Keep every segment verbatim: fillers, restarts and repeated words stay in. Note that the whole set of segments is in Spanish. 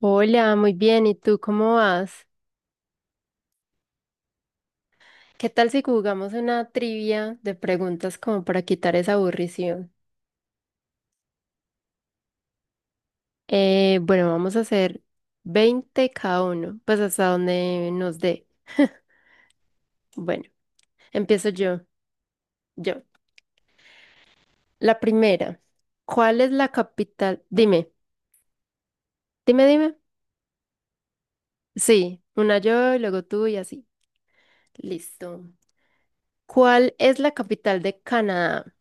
Hola, muy bien. ¿Y tú cómo vas? ¿Qué tal si jugamos una trivia de preguntas como para quitar esa aburrición? Eh, bueno, vamos a hacer veinte cada uno, pues hasta donde nos dé. Bueno, empiezo yo. Yo. La primera. ¿Cuál es la capital? Dime, dime, dime. Sí, una yo y luego tú y así. Listo. ¿Cuál es la capital de Canadá?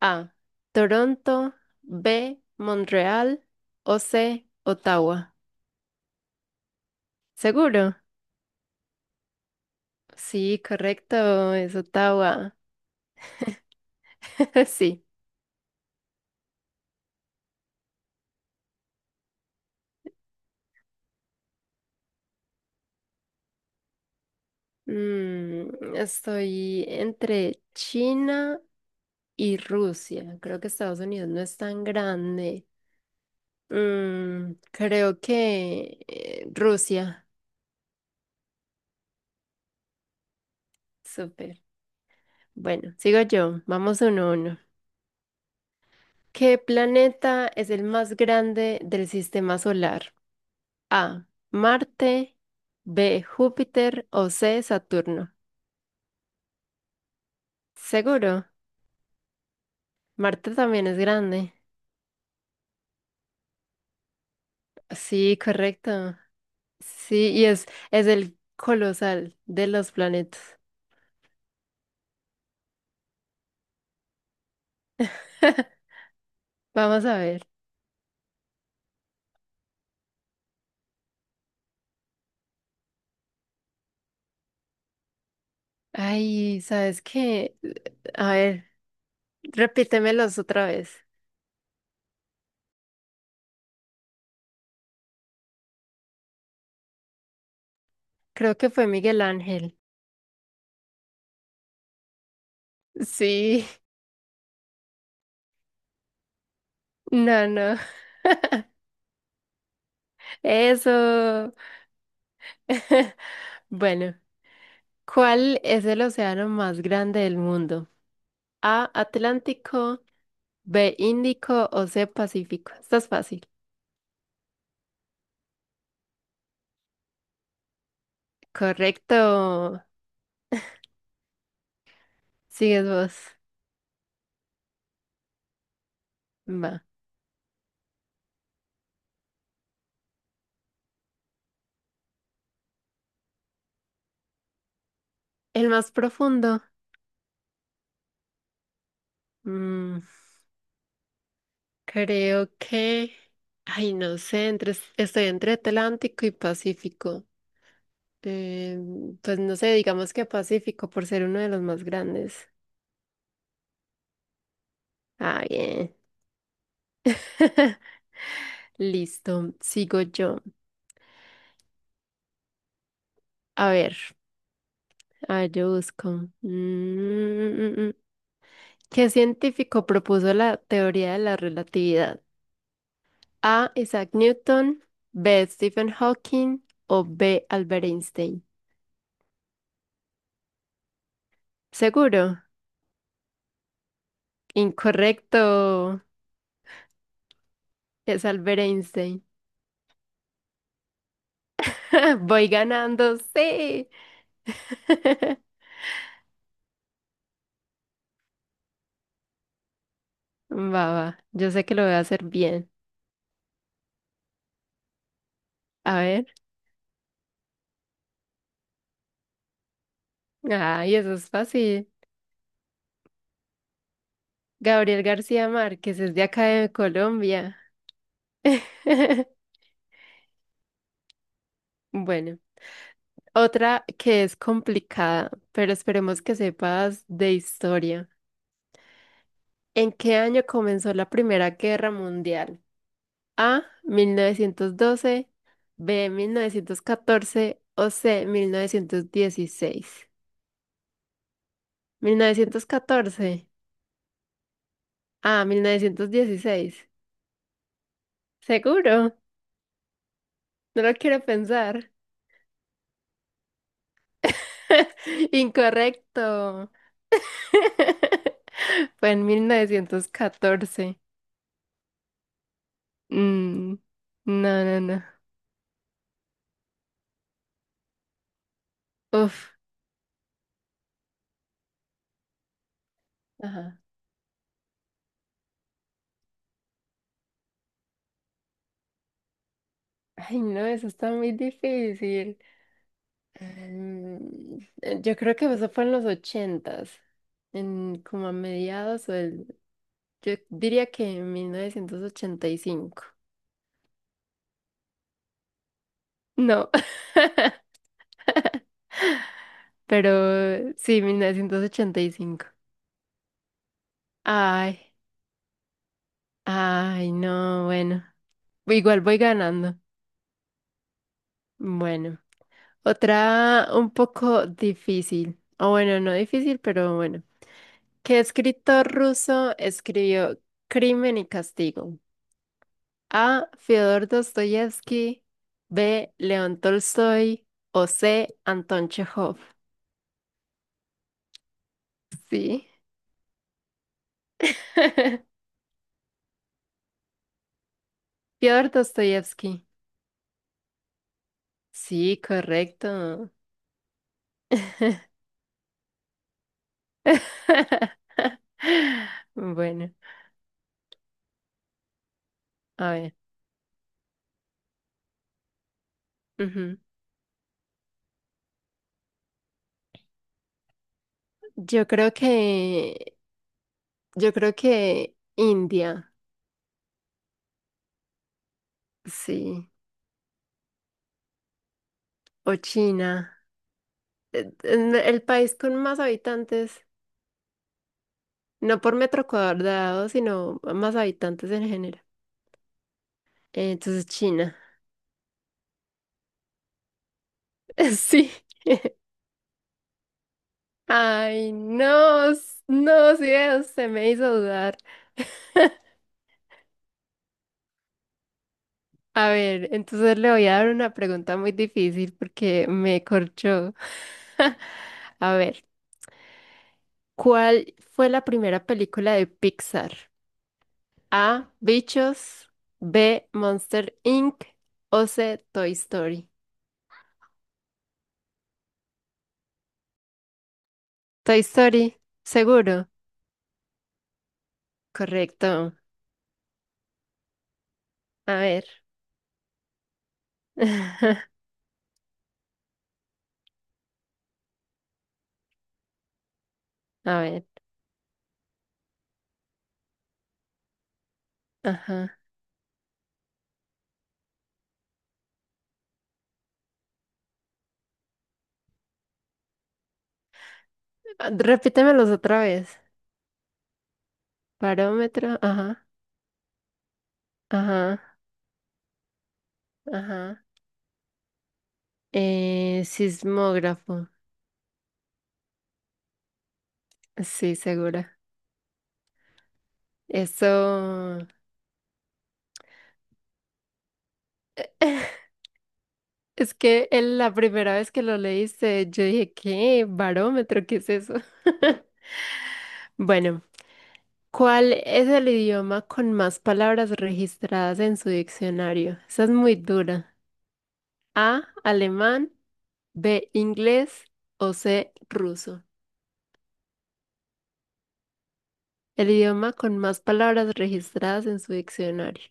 A. Toronto. B. Montreal. O C. Ottawa. ¿Seguro? Sí, correcto. Es Ottawa. Sí. Mm, estoy entre China y Rusia. Creo que Estados Unidos no es tan grande. Mm, creo que eh, Rusia. Súper. Bueno, sigo yo. Vamos uno a uno. ¿Qué planeta es el más grande del sistema solar? A. Marte. B. Júpiter. O C. Saturno. Seguro. Marte también es grande. Sí, correcto. Sí, y es, es el colosal de los planetas. Vamos a ver. Ay, ¿sabes qué? A ver, repítemelos otra vez. Creo que fue Miguel Ángel. Sí, no, no. Eso. Bueno, ¿cuál es el océano más grande del mundo? A, Atlántico, B, Índico o C, Pacífico. Estás fácil. Correcto. Sigues vos. Va. El más profundo. Mm, creo que... Ay, no sé, entre... estoy entre Atlántico y Pacífico. Eh, pues no sé, digamos que Pacífico por ser uno de los más grandes. Ah, bien. Listo, sigo yo. A ver, a ver, yo busco. Mm, mm, mm, mm, mm. ¿Qué científico propuso la teoría de la relatividad? A. Isaac Newton, B. Stephen Hawking o B. Albert Einstein. Seguro. Incorrecto. Es Albert Einstein. Voy ganando, sí. Va, va. Yo sé que lo voy a hacer bien. A ver. Ay, eso es fácil. Gabriel García Márquez es de acá de Colombia. Bueno. Otra que es complicada, pero esperemos que sepas de historia. ¿En qué año comenzó la Primera Guerra Mundial? A, mil novecientos doce, B, mil novecientos catorce o C, mil novecientos dieciséis. mil novecientos catorce. A, mil novecientos dieciséis. ¿Seguro? No lo quiero pensar. Incorrecto. Fue en mil novecientos catorce. Mm, no, no, no. Uf. Ajá. Ay, no, eso está muy difícil. Mm, eh, yo creo que eso fue en los ochentas, en como a mediados o el, yo diría que en mil novecientos ochenta y cinco. No, pero sí, mil novecientos ochenta y cinco. Ay, ay, no, bueno. Igual voy ganando. Bueno, otra un poco difícil. O bueno, no difícil, pero bueno. ¿Qué escritor ruso escribió Crimen y Castigo? A. Fyodor Dostoyevsky, B. León Tolstoy o C. Anton Chekhov. Sí. Fyodor Dostoyevsky. Sí, correcto. Bueno, a ver. Ujú. Yo creo que, yo creo que India, sí, o China. Eh, eh, El país con más habitantes. No por metro cuadrado, sino más habitantes en general. Eh, Entonces, China. Sí. Ay, no, s- no, sí, se me hizo dudar. A ver, entonces le voy a dar una pregunta muy difícil porque me corchó. A ver, ¿cuál fue la primera película de Pixar? A. Bichos. B. Monster inc O C. Toy Story. Toy Story, seguro. Correcto. A ver. A ver, ajá. Ah, repítemelos otra vez. Barómetro, ajá, ajá, ajá. Eh, sismógrafo, sí, segura. Eso. Es que el- la primera vez que lo leíste, yo dije, ¿qué? ¿Barómetro? ¿Qué es eso? Bueno, ¿cuál es el idioma con más palabras registradas en su diccionario? Esa es muy dura. A, alemán, B, inglés o C, ruso. El idioma con más palabras registradas en su diccionario.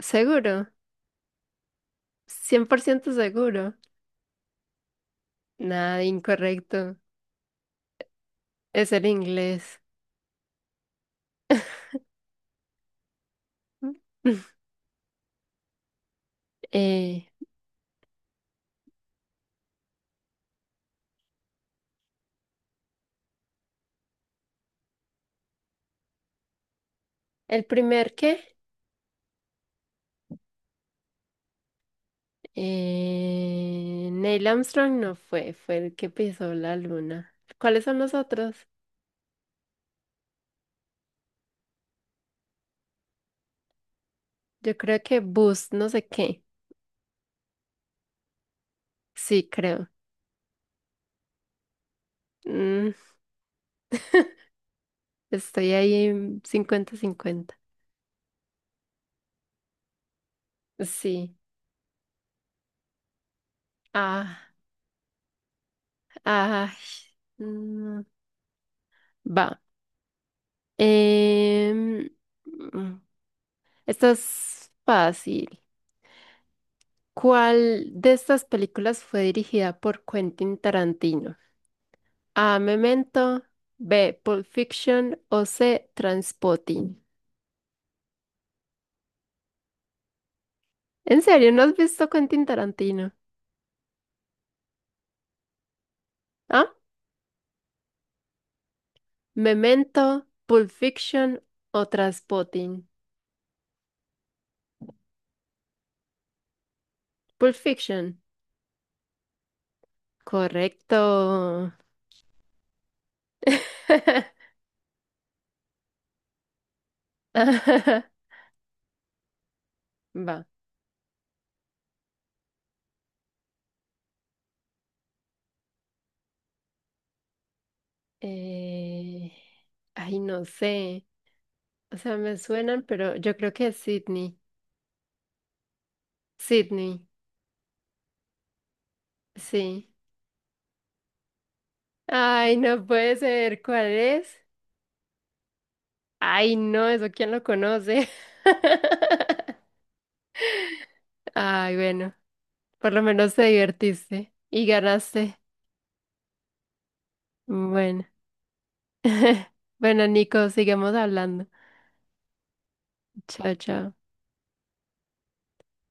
¿Seguro? ¿Cien por ciento seguro? Nada, incorrecto. Es el inglés. Eh, ¿El primer qué? Eh, Neil Armstrong no fue, fue el que pisó la luna. ¿Cuáles son los otros? Yo creo que Buzz, no sé qué. Sí, creo. Mm, Estoy ahí en cincuenta 50. Sí. Ah, ah, mm, va. Em, mm, Esta es fácil. ¿Cuál de estas películas fue dirigida por Quentin Tarantino? A. Memento, B. Pulp Fiction o C. Transpotting. ¿En serio no has visto Quentin Tarantino? ¿Ah? Memento, Pulp Fiction o Transpotting. Pulp Fiction. Correcto. Va. Eh, Ay, no sé. O sea, me suenan, pero yo creo que es Sydney. Sydney, sí. Ay, no puede ser. ¿Cuál es? Ay, no, eso quién lo conoce. Ay, bueno, por lo menos te divertiste y ganaste. Bueno. Bueno, Nico, sigamos hablando. Chao, chao.